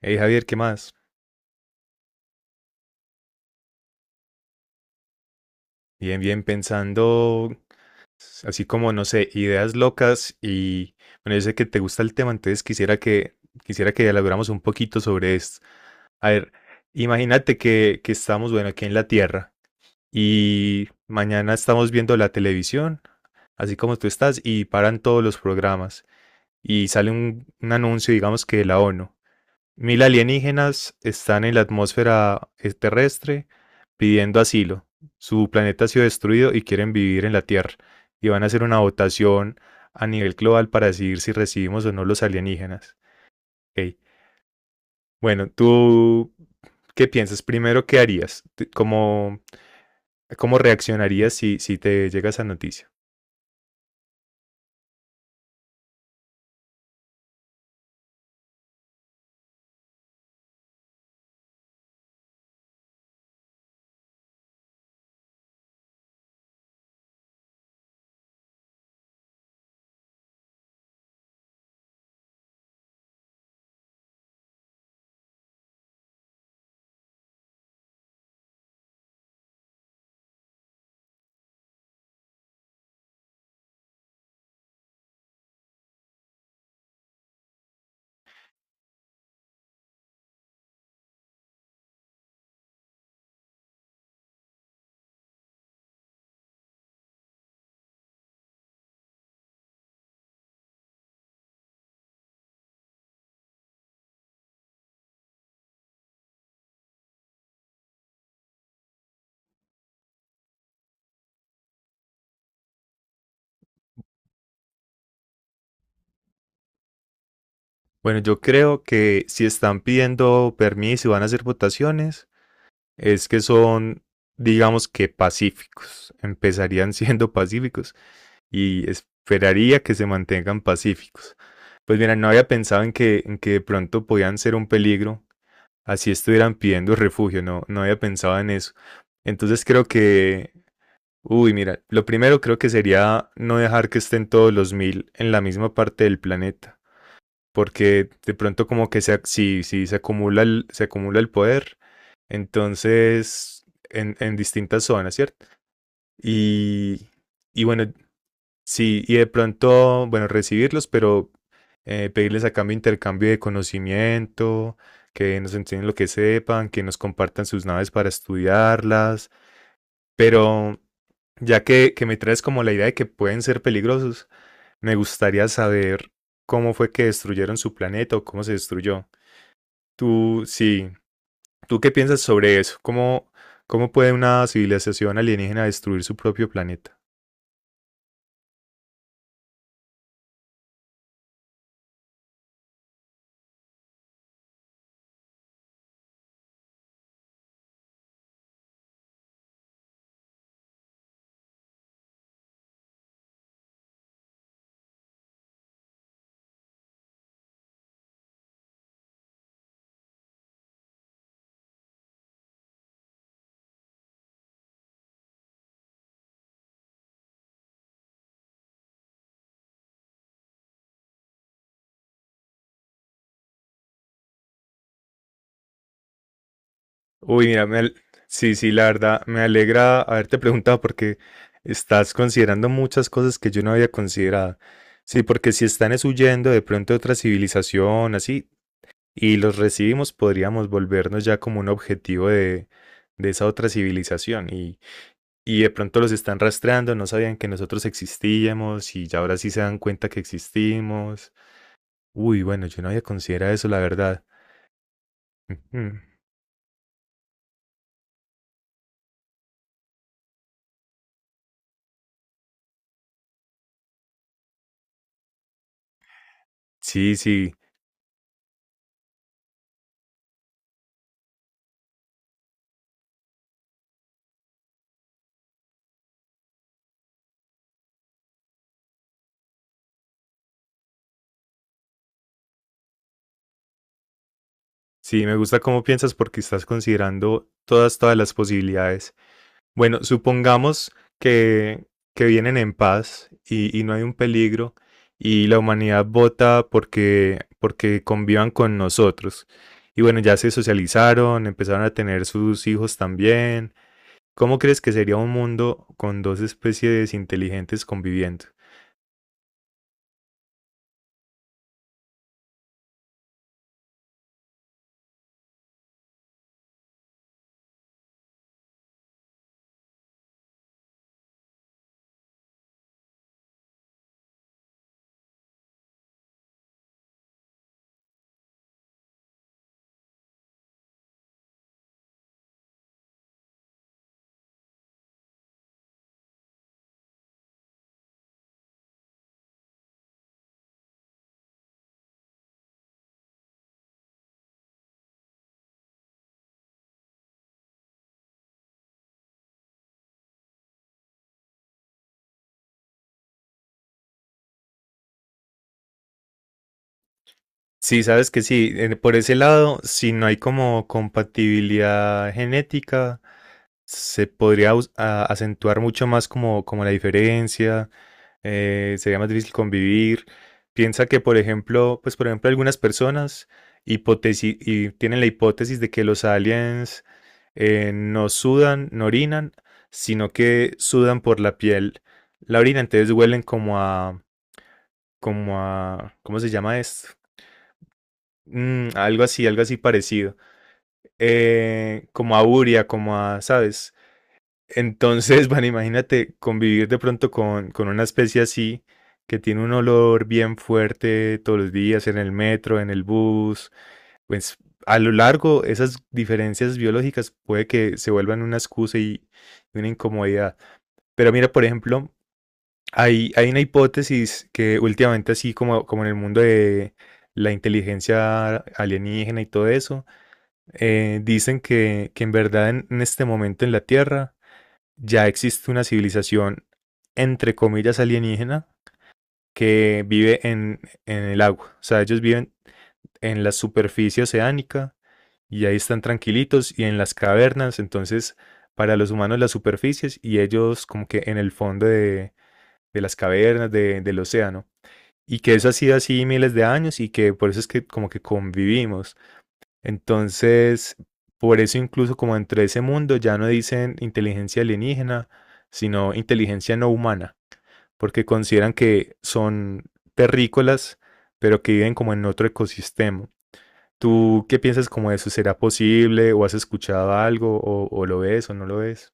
Hey Javier, ¿qué más? Bien, bien, pensando pues, así como, no sé, ideas locas y bueno, yo sé que te gusta el tema, entonces quisiera que elaboramos un poquito sobre esto. A ver, imagínate que estamos, bueno, aquí en la Tierra y mañana estamos viendo la televisión, así como tú estás, y paran todos los programas y sale un anuncio, digamos que de la ONU. Mil alienígenas están en la atmósfera terrestre pidiendo asilo. Su planeta ha sido destruido y quieren vivir en la Tierra. Y van a hacer una votación a nivel global para decidir si recibimos o no los alienígenas. Ok. Bueno, ¿tú qué piensas? Primero, ¿qué harías? ¿Cómo, cómo reaccionarías si te llega esa noticia? Bueno, yo creo que si están pidiendo permiso y van a hacer votaciones, es que son, digamos que pacíficos, empezarían siendo pacíficos y esperaría que se mantengan pacíficos. Pues mira, no había pensado en que de pronto podían ser un peligro, así estuvieran pidiendo refugio, no había pensado en eso. Entonces creo que, Uy, mira, lo primero creo que sería no dejar que estén todos los mil en la misma parte del planeta porque de pronto como que si se acumula se acumula el poder, entonces en distintas zonas, ¿cierto? Y, y bueno, sí, y de pronto, bueno, recibirlos, pero pedirles a cambio intercambio de conocimiento, que nos enseñen lo que sepan, que nos compartan sus naves para estudiarlas, pero ya que me traes como la idea de que pueden ser peligrosos, me gustaría saber cómo fue que destruyeron su planeta o cómo se destruyó. Tú, sí, ¿tú qué piensas sobre eso? ¿Cómo, cómo puede una civilización alienígena destruir su propio planeta? Uy, mira, me al- Sí, sí, la verdad, me alegra haberte preguntado porque estás considerando muchas cosas que yo no había considerado. Sí, porque si están es huyendo de pronto de otra civilización, así, y los recibimos, podríamos volvernos ya como un objetivo de esa otra civilización. Y de pronto los están rastreando, no sabían que nosotros existíamos y ya ahora sí se dan cuenta que existimos. Uy, bueno, yo no había considerado eso, la verdad. Ujú. Sí, sí, sí, me gusta cómo piensas porque estás considerando todas, todas las posibilidades. Bueno, supongamos que, que vienen en paz y no hay un peligro y la humanidad vota porque convivan con nosotros. Y bueno, ya se socializaron, empezaron a tener sus hijos también. ¿Cómo crees que sería un mundo con dos especies inteligentes conviviendo? Sí, sabes que sí, en- por ese lado, si no hay como compatibilidad genética, se podría acentuar mucho más como, como la diferencia, sería más difícil convivir. Piensa que, por ejemplo, pues por ejemplo, algunas personas hipotesi y tienen la hipótesis de que los aliens no sudan, no orinan, sino que sudan por la piel. La orina, entonces huelen como a, como a, ¿cómo se llama esto? Mm, algo así parecido. Como a urea, como a, ¿sabes? Entonces, bueno, imagínate convivir de pronto con una especie así que tiene un olor bien fuerte todos los días en el metro, en el bus. Pues a lo largo esas diferencias biológicas puede que se vuelvan una excusa y una incomodidad. Pero mira, por ejemplo, hay una hipótesis que últimamente así como, como en el mundo de la inteligencia alienígena y todo eso, dicen que en verdad en este momento en la Tierra ya existe una civilización, entre comillas, alienígena que vive en el agua. O sea, ellos viven en la superficie oceánica y ahí están tranquilitos y en las cavernas. Entonces, para los humanos las superficies y ellos como que en el fondo de las cavernas, del océano. Y que eso ha sido así miles de años y que por eso es que como que convivimos. Entonces, por eso incluso como entre ese mundo ya no dicen inteligencia alienígena, sino inteligencia no humana, porque consideran que son terrícolas, pero que viven como en otro ecosistema. ¿Tú qué piensas como de eso? ¿Será posible? ¿O has escuchado algo? O lo ves o no lo ves?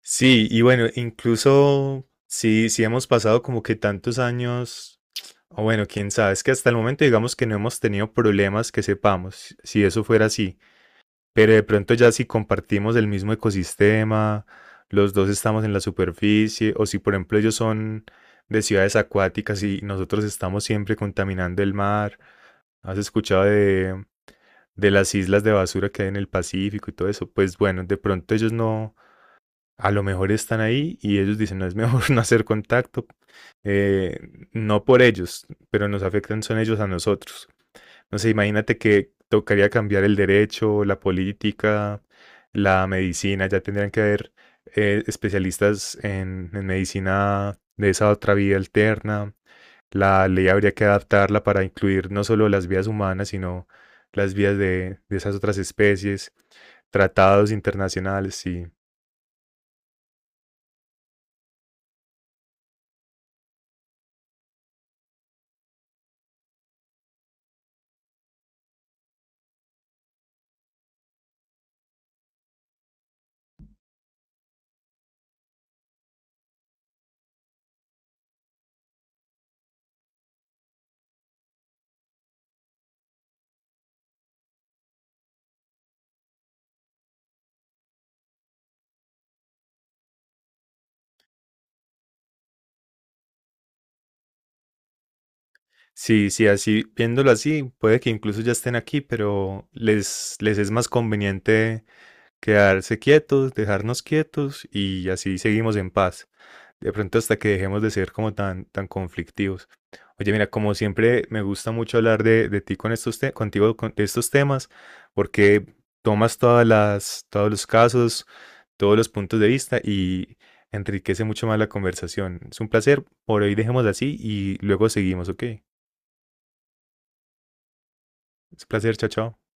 Sí, y bueno, incluso sí, sí hemos pasado como que tantos años, o bueno, quién sabe, es que hasta el momento digamos que no hemos tenido problemas que sepamos, si eso fuera así. Pero de pronto ya si compartimos el mismo ecosistema, los dos estamos en la superficie, o si por ejemplo ellos son de ciudades acuáticas y nosotros estamos siempre contaminando el mar, ¿has escuchado de las islas de basura que hay en el Pacífico y todo eso? Pues bueno, de pronto ellos no, a lo mejor están ahí y ellos dicen, no es mejor no hacer contacto, eh, no por ellos, pero nos afectan son ellos a nosotros. No sé, imagínate que tocaría cambiar el derecho, la política, la medicina, ya tendrían que haber especialistas en medicina de esa otra vía alterna. La ley habría que adaptarla para incluir no solo las vías humanas, sino las vías de esas otras especies, tratados internacionales, sí. Sí, sí, así, viéndolo así, puede que incluso ya estén aquí, pero les es más conveniente quedarse quietos, dejarnos quietos y así seguimos en paz. De pronto hasta que dejemos de ser como tan, tan conflictivos. Oye, mira, como siempre me gusta mucho hablar de ti con estos te- contigo de estos temas, porque tomas todas las, todos los casos, todos los puntos de vista y enriquece mucho más la conversación. Es un placer, por hoy dejemos así y luego seguimos, ¿ok? Es un placer, chao, chao.